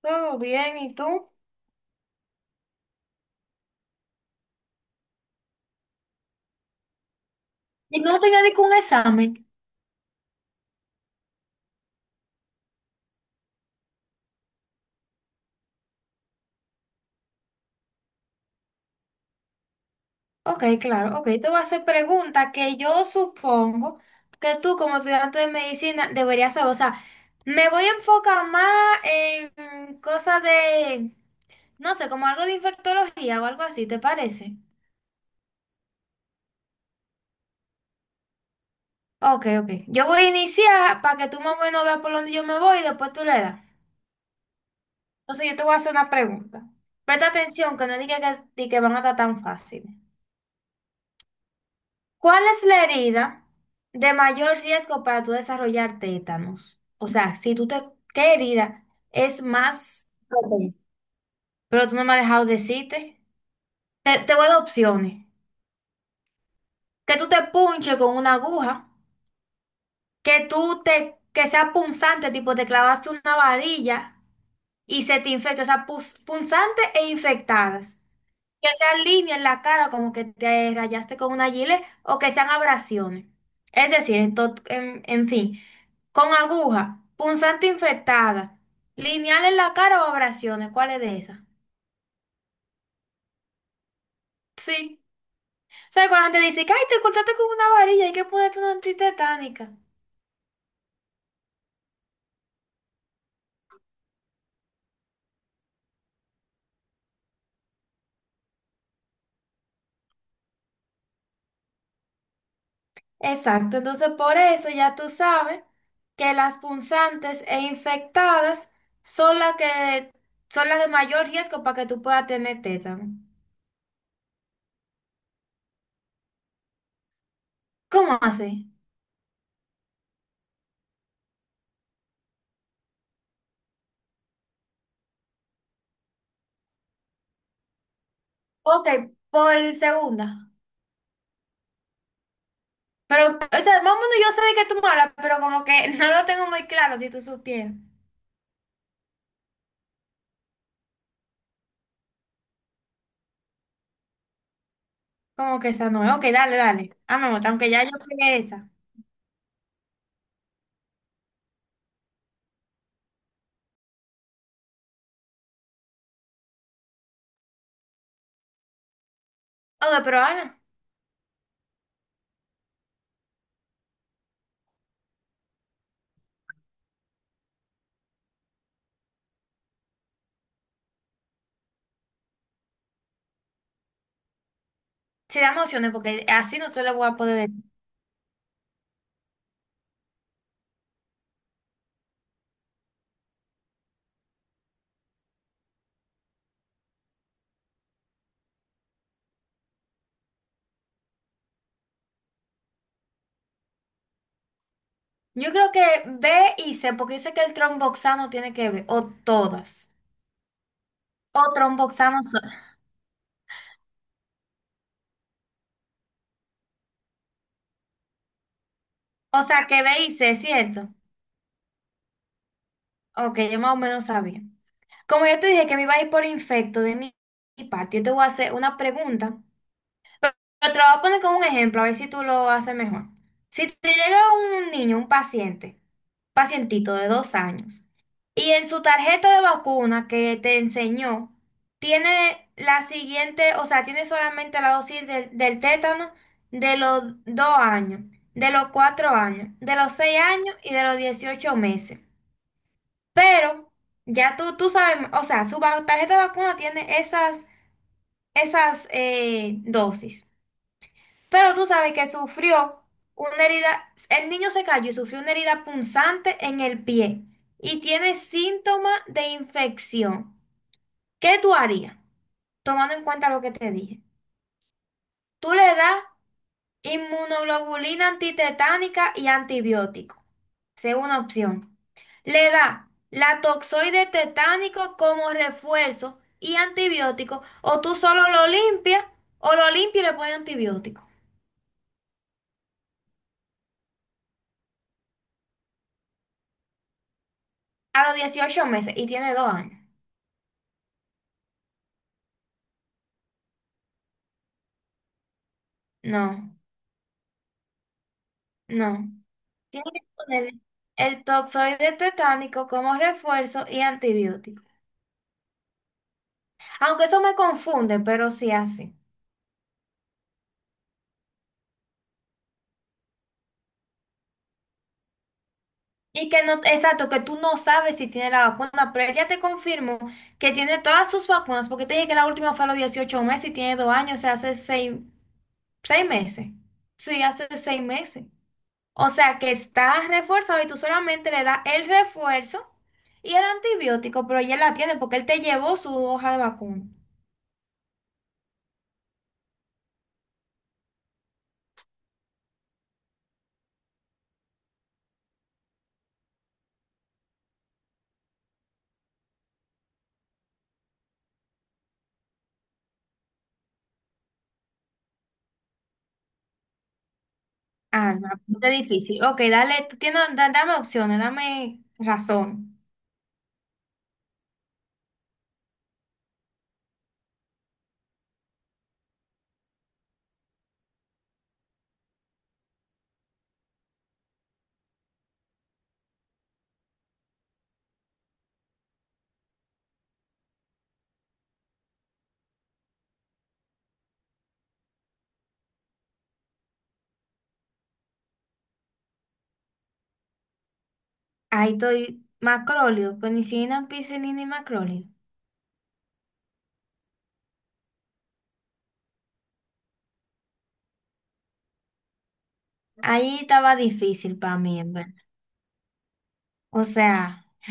Todo bien, ¿y tú? Y no tenía ningún examen. Ok, claro, ok. Te voy a hacer preguntas que yo supongo que tú como estudiante de medicina deberías saber. O sea, me voy a enfocar más en cosas de, no sé, como algo de infectología o algo así, ¿te parece? Ok, ok. Yo voy a iniciar para que tú más o menos veas por dónde yo me voy y después tú le das. Entonces yo te voy a hacer una pregunta. Presta atención, que no diga que, di que van a estar tan fácil. ¿Cuál es la herida de mayor riesgo para tú desarrollar tétanos? O sea, si tú te, ¿qué herida es más? Ok. Pero tú no me has dejado decirte. Te voy a dar opciones. Que tú te punches con una aguja, que tú te, que sea punzante, tipo te clavaste una varilla y se te infecta, o sea, punzante e infectadas. Que sean líneas en la cara, como que te rayaste con una gilet, o que sean abrasiones. Es decir, en fin, con aguja, punzante infectada, lineal en la cara o abrasiones, ¿cuál es de esas? Sí. ¿Sabes cuando te dice que ay, te cortaste con una varilla, hay que ponerte una antitetánica? Exacto, entonces por eso ya tú sabes que las punzantes e infectadas son las que son las de mayor riesgo para que tú puedas tener tétano. ¿Cómo así? Ok, por segunda. Pero, o sea, más o menos yo sé de qué tú me hablas, pero como que no lo tengo muy claro si tú supieras. Como que esa no es. Ok, dale, dale. Ah, me gusta, aunque ya yo pegué esa. Ok, pero Ana, si da emociones, porque así no te lo voy a poder decir. Yo creo que B y C, porque yo sé que el tromboxano tiene que ver, o todas. O tromboxano solo. O sea, que B y C, ¿cierto? Ok, yo más o menos sabía. Como yo te dije que me iba a ir por infecto de mi parte, yo te voy a hacer una pregunta. Pero te lo voy a poner como un ejemplo, a ver si tú lo haces mejor. Si te llega un niño, un paciente, pacientito de 2 años, y en su tarjeta de vacuna que te enseñó, tiene la siguiente, o sea, tiene solamente la dosis del tétano de los 2 años, de los 4 años, de los 6 años y de los 18 meses. Pero ya tú sabes, o sea, su tarjeta de vacuna tiene esas dosis. Pero tú sabes que sufrió una herida, el niño se cayó y sufrió una herida punzante en el pie y tiene síntomas de infección. ¿Qué tú harías? Tomando en cuenta lo que te dije. Tú le das inmunoglobulina antitetánica y antibiótico. Segunda opción. Le da la toxoide tetánico como refuerzo y antibiótico, o tú solo lo limpias, o lo limpias y le pones antibiótico. A los 18 meses y tiene 2 años. No, no. Tiene que poner el toxoide tetánico como refuerzo y antibiótico. Aunque eso me confunde, pero sí así. Y que no, exacto, que tú no sabes si tiene la vacuna, pero ella te confirmó que tiene todas sus vacunas, porque te dije que la última fue a los 18 meses y tiene dos años, o sea, hace seis meses. Sí, hace 6 meses. O sea, que está reforzado y tú solamente le das el refuerzo y el antibiótico, pero ella la tiene porque él te llevó su hoja de vacuna. Ah, no, está difícil. Ok, dale, tú tienes, dame opciones, dame razón. Ahí estoy, macróleo, penicilina, ampicilina y macróleo. Ahí estaba difícil para mí, en verdad. O sea,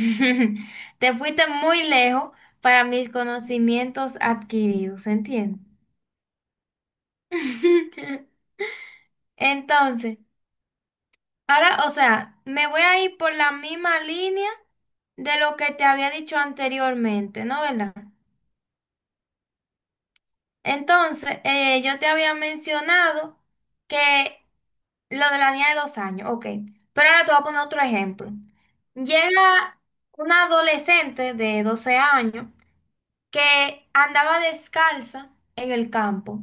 te fuiste muy lejos para mis conocimientos adquiridos, ¿entiendes? Entonces. Ahora, o sea, me voy a ir por la misma línea de lo que te había dicho anteriormente, ¿no? ¿Verdad? Entonces, yo te había mencionado que lo de la niña de 2 años, ok. Pero ahora te voy a poner otro ejemplo. Llega una adolescente de 12 años que andaba descalza en el campo.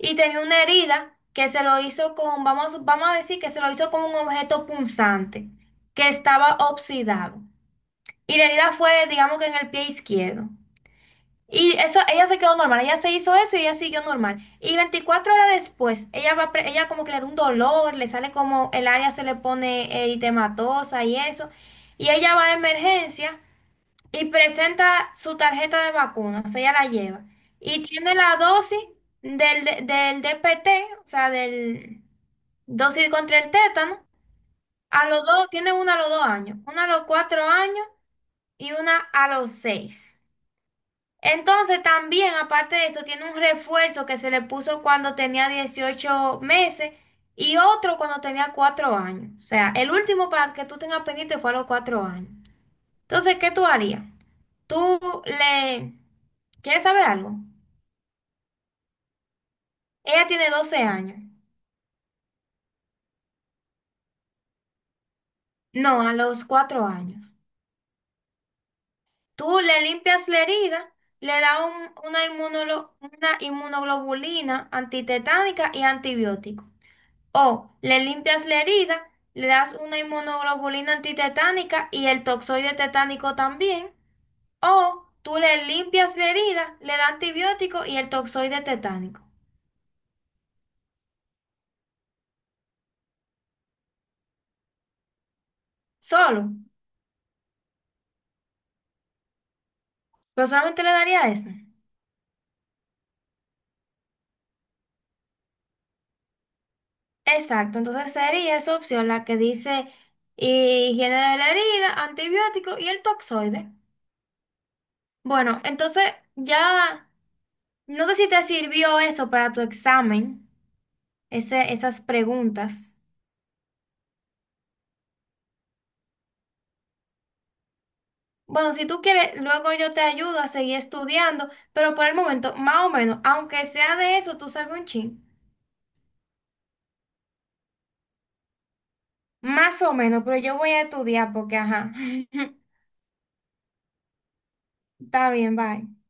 Y tenía una herida que se lo hizo con, vamos a decir que se lo hizo con un objeto punzante que estaba oxidado. Y la herida fue, digamos que en el pie izquierdo. Y eso, ella se quedó normal, ella se hizo eso y ella siguió normal. Y 24 horas después, ella va, ella como que le da un dolor, le sale como el área se le pone eritematosa y eso. Y ella va a emergencia y presenta su tarjeta de vacuna o sea, ella la lleva, y tiene la dosis del DPT, o sea, del dosis contra el tétano, a los dos, tiene una a los 2 años, una a los 4 años y una a los seis. Entonces, también, aparte de eso, tiene un refuerzo que se le puso cuando tenía 18 meses y otro cuando tenía 4 años. O sea, el último para que tú tengas pendiente fue a los 4 años. Entonces, ¿qué tú harías? Tú le... ¿Quieres saber algo? Ella tiene 12 años. No, a los 4 años. Tú le limpias la herida, le das una inmunoglobulina antitetánica y antibiótico. O le limpias la herida, le das una inmunoglobulina antitetánica y el toxoide tetánico también. O tú le limpias la herida, le das antibiótico y el toxoide tetánico. Solo. Pero solamente le daría eso. Exacto, entonces sería esa opción la que dice higiene de la herida, antibiótico y el toxoide. Bueno, entonces ya no sé si te sirvió eso para tu examen, esas preguntas. Bueno, si tú quieres, luego yo te ayudo a seguir estudiando, pero por el momento, más o menos, aunque sea de eso, tú sabes un chin. Más o menos, pero yo voy a estudiar porque, ajá. Está bien, bye.